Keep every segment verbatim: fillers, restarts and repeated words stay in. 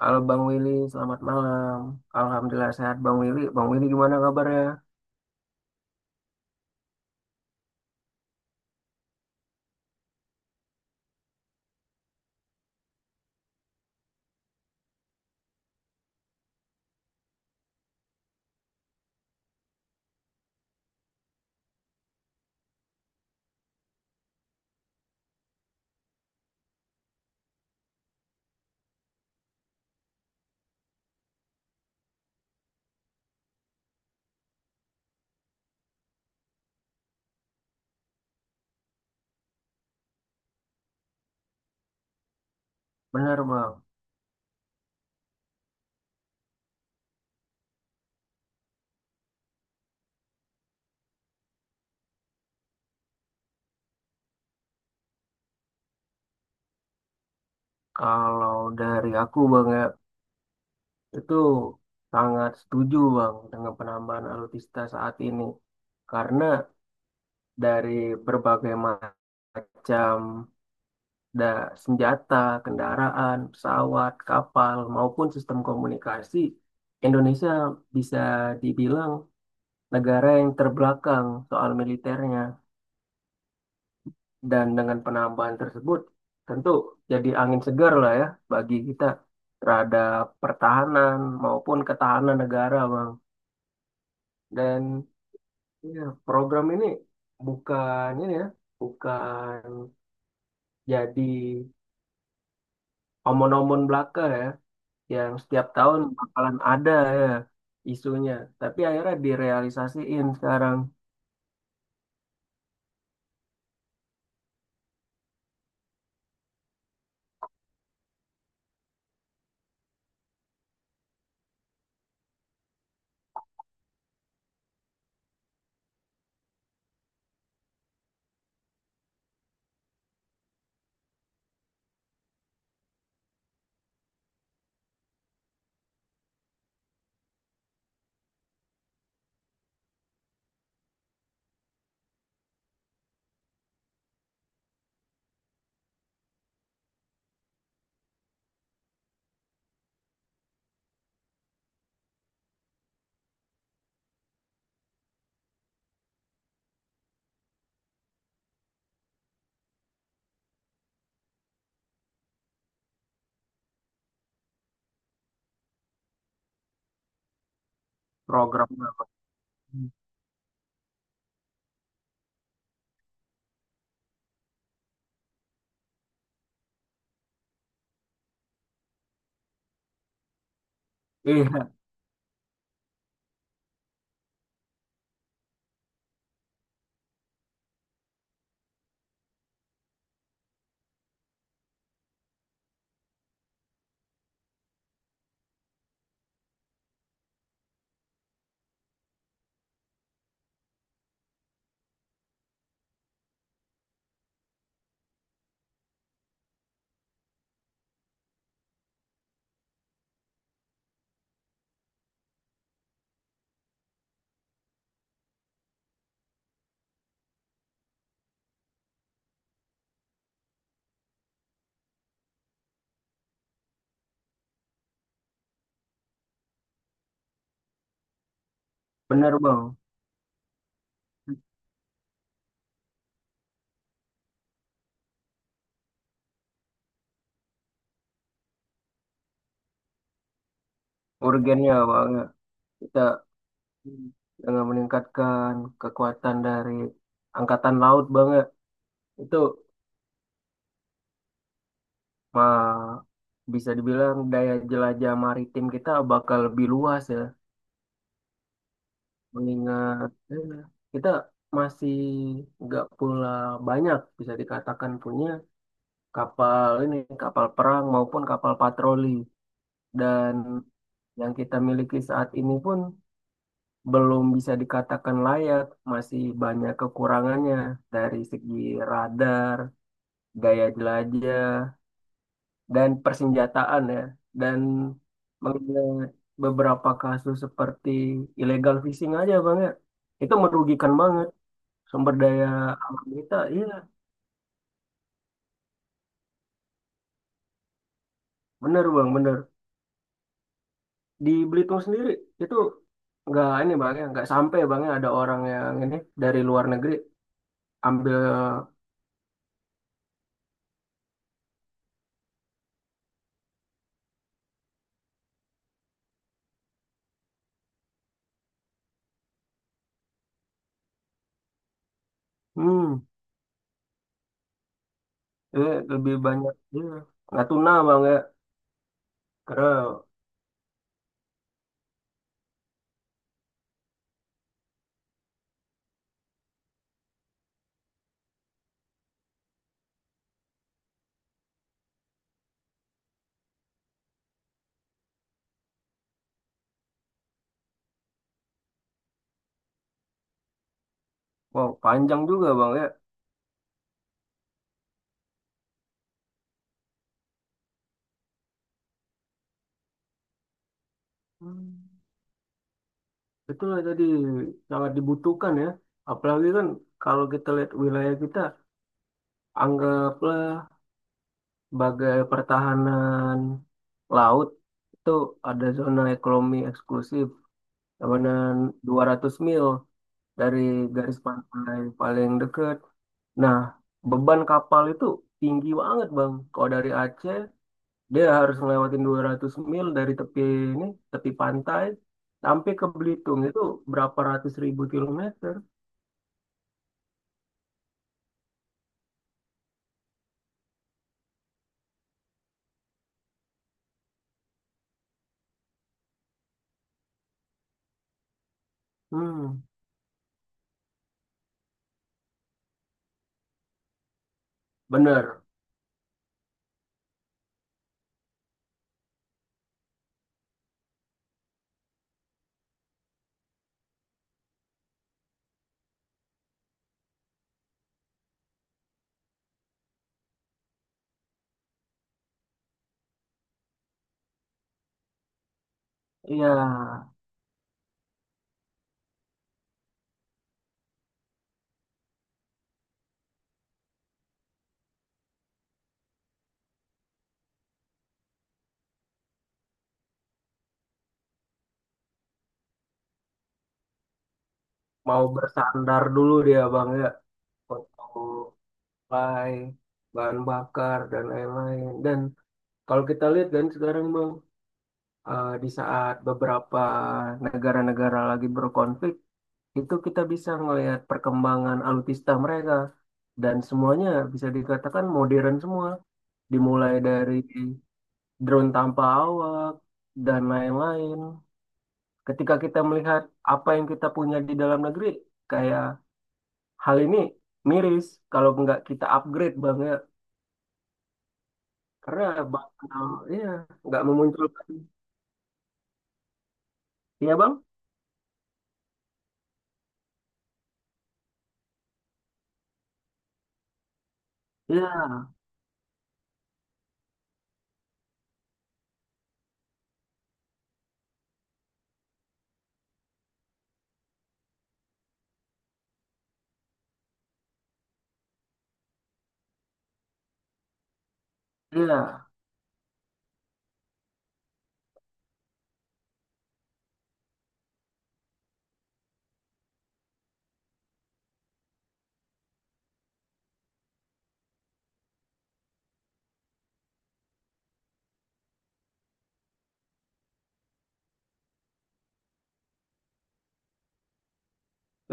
Halo Bang Willy, selamat malam. Alhamdulillah sehat Bang Willy. Bang Willy gimana kabarnya? Benar Bang. Kalau dari aku Bang ya, itu sangat setuju Bang dengan penambahan alutsista saat ini. Karena dari berbagai macam da senjata, kendaraan, pesawat, kapal, maupun sistem komunikasi, Indonesia bisa dibilang negara yang terbelakang soal militernya. Dan dengan penambahan tersebut, tentu jadi angin segar lah ya bagi kita terhadap pertahanan maupun ketahanan negara, Bang. Dan ya, program ini bukan ini ya, bukan jadi omon-omon belaka ya, yang setiap tahun bakalan ada ya isunya. Tapi akhirnya direalisasiin sekarang programnya, Bang. Iya, bener Bang. Urgennya banget. Kita dengan meningkatkan kekuatan dari angkatan laut banget. Itu mah bisa dibilang daya jelajah maritim kita bakal lebih luas ya. Mengingat eh, kita masih nggak pula banyak bisa dikatakan punya kapal ini, kapal perang maupun kapal patroli. Dan yang kita miliki saat ini pun belum bisa dikatakan layak, masih banyak kekurangannya dari segi radar, gaya jelajah dan persenjataan ya, dan mengenai beberapa kasus seperti illegal fishing aja bang ya, itu merugikan banget sumber daya alam kita, iya bener bang bener. Di Belitung sendiri itu nggak ini bang ya, nggak sampai bang ya ada orang yang ini dari luar negeri ambil. Hmm, iya, lebih banyak iya, nggak tuna bang ya karena wow panjang juga bang ya. Hmm. Betul lah tadi sangat dibutuhkan ya. Apalagi kan kalau kita lihat wilayah kita, anggaplah sebagai pertahanan laut itu ada zona ekonomi eksklusif, tabanan dua ratus mil dari garis pantai paling dekat. Nah, beban kapal itu tinggi banget Bang. Kalau dari Aceh, dia harus ngelewatin dua ratus mil dari tepi ini, tepi pantai, sampai ke Belitung itu berapa ratus ribu kilometer. Hmm, bener. Iya, mau bersandar dulu dia bang ya, untuk mulai bahan bakar dan lain-lain. Dan kalau kita lihat kan sekarang bang, eh, di saat beberapa negara-negara lagi berkonflik, itu kita bisa melihat perkembangan alutsista mereka. Dan semuanya bisa dikatakan modern semua, dimulai dari drone tanpa awak dan lain-lain. Ketika kita melihat apa yang kita punya di dalam negeri, kayak hal ini miris kalau nggak kita upgrade banget. Karena bakal, iya, nggak memunculkan. Iya bang? Iya, iya.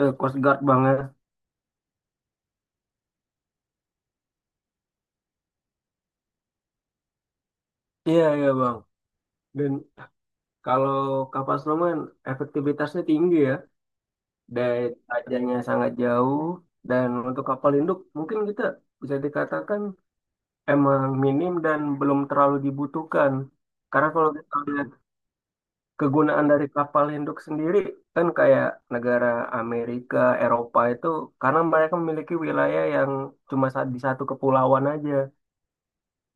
Eh, Coast Guard banget. Iya, iya bang. Dan kalau kapal selam efektivitasnya tinggi ya. Dari tajamnya sangat jauh. Dan untuk kapal induk mungkin kita bisa dikatakan emang minim dan belum terlalu dibutuhkan. Karena kalau kita lihat kegunaan dari kapal induk sendiri kan kayak negara Amerika, Eropa itu karena mereka memiliki wilayah yang cuma sa- di satu kepulauan aja,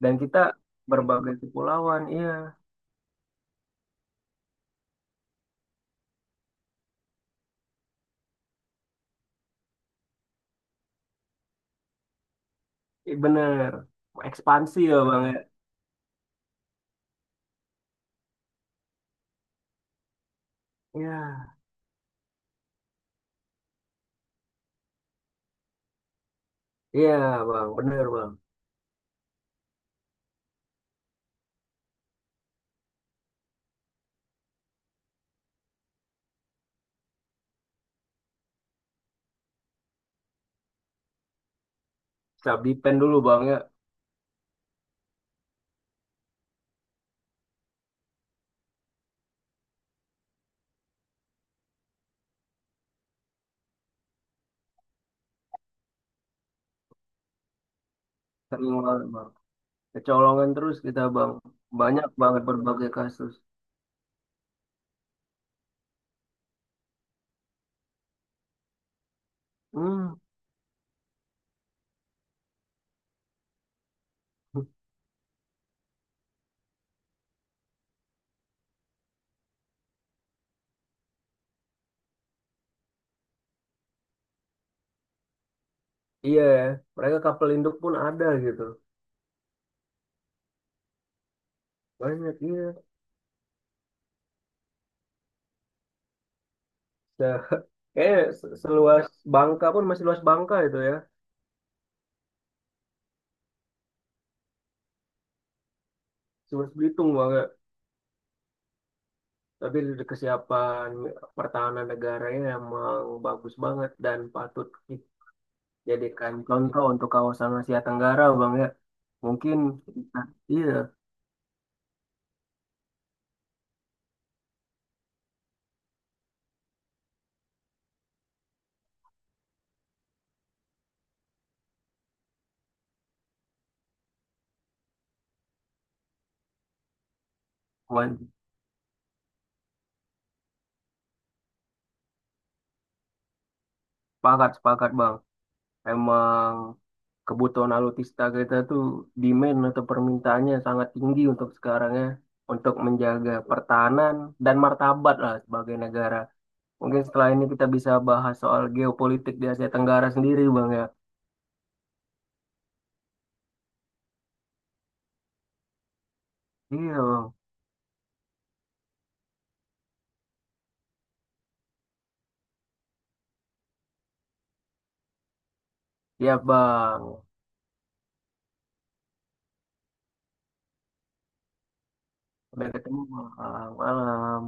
dan kita berbagai kepulauan. Iya, i- bener. Ekspansi ya bang ya. Iya, iya bang, bener bang. Cabdi pen dulu bang ya. Sering banget bang. Kecolongan terus kita bang. Banyak banget berbagai kasus. Hmm, iya ya. Mereka kapal induk pun ada gitu. Banyak iya. Kayaknya se- seluas Bangka pun, masih luas Bangka itu ya. Seluas Belitung banget. Tapi dari kesiapan pertahanan negaranya emang bagus banget dan patut dijadikan contoh untuk kawasan Asia Tenggara Bang ya. Mungkin nah, iya, wan- sepakat sepakat Bang. Emang kebutuhan alutsista kita tuh demand atau permintaannya sangat tinggi untuk sekarang ya. Untuk menjaga pertahanan dan martabat lah sebagai negara. Mungkin setelah ini kita bisa bahas soal geopolitik di Asia Tenggara sendiri, Bang ya. Iya, Bang. Ya, Bang. Sampai ketemu, Bang. Malam.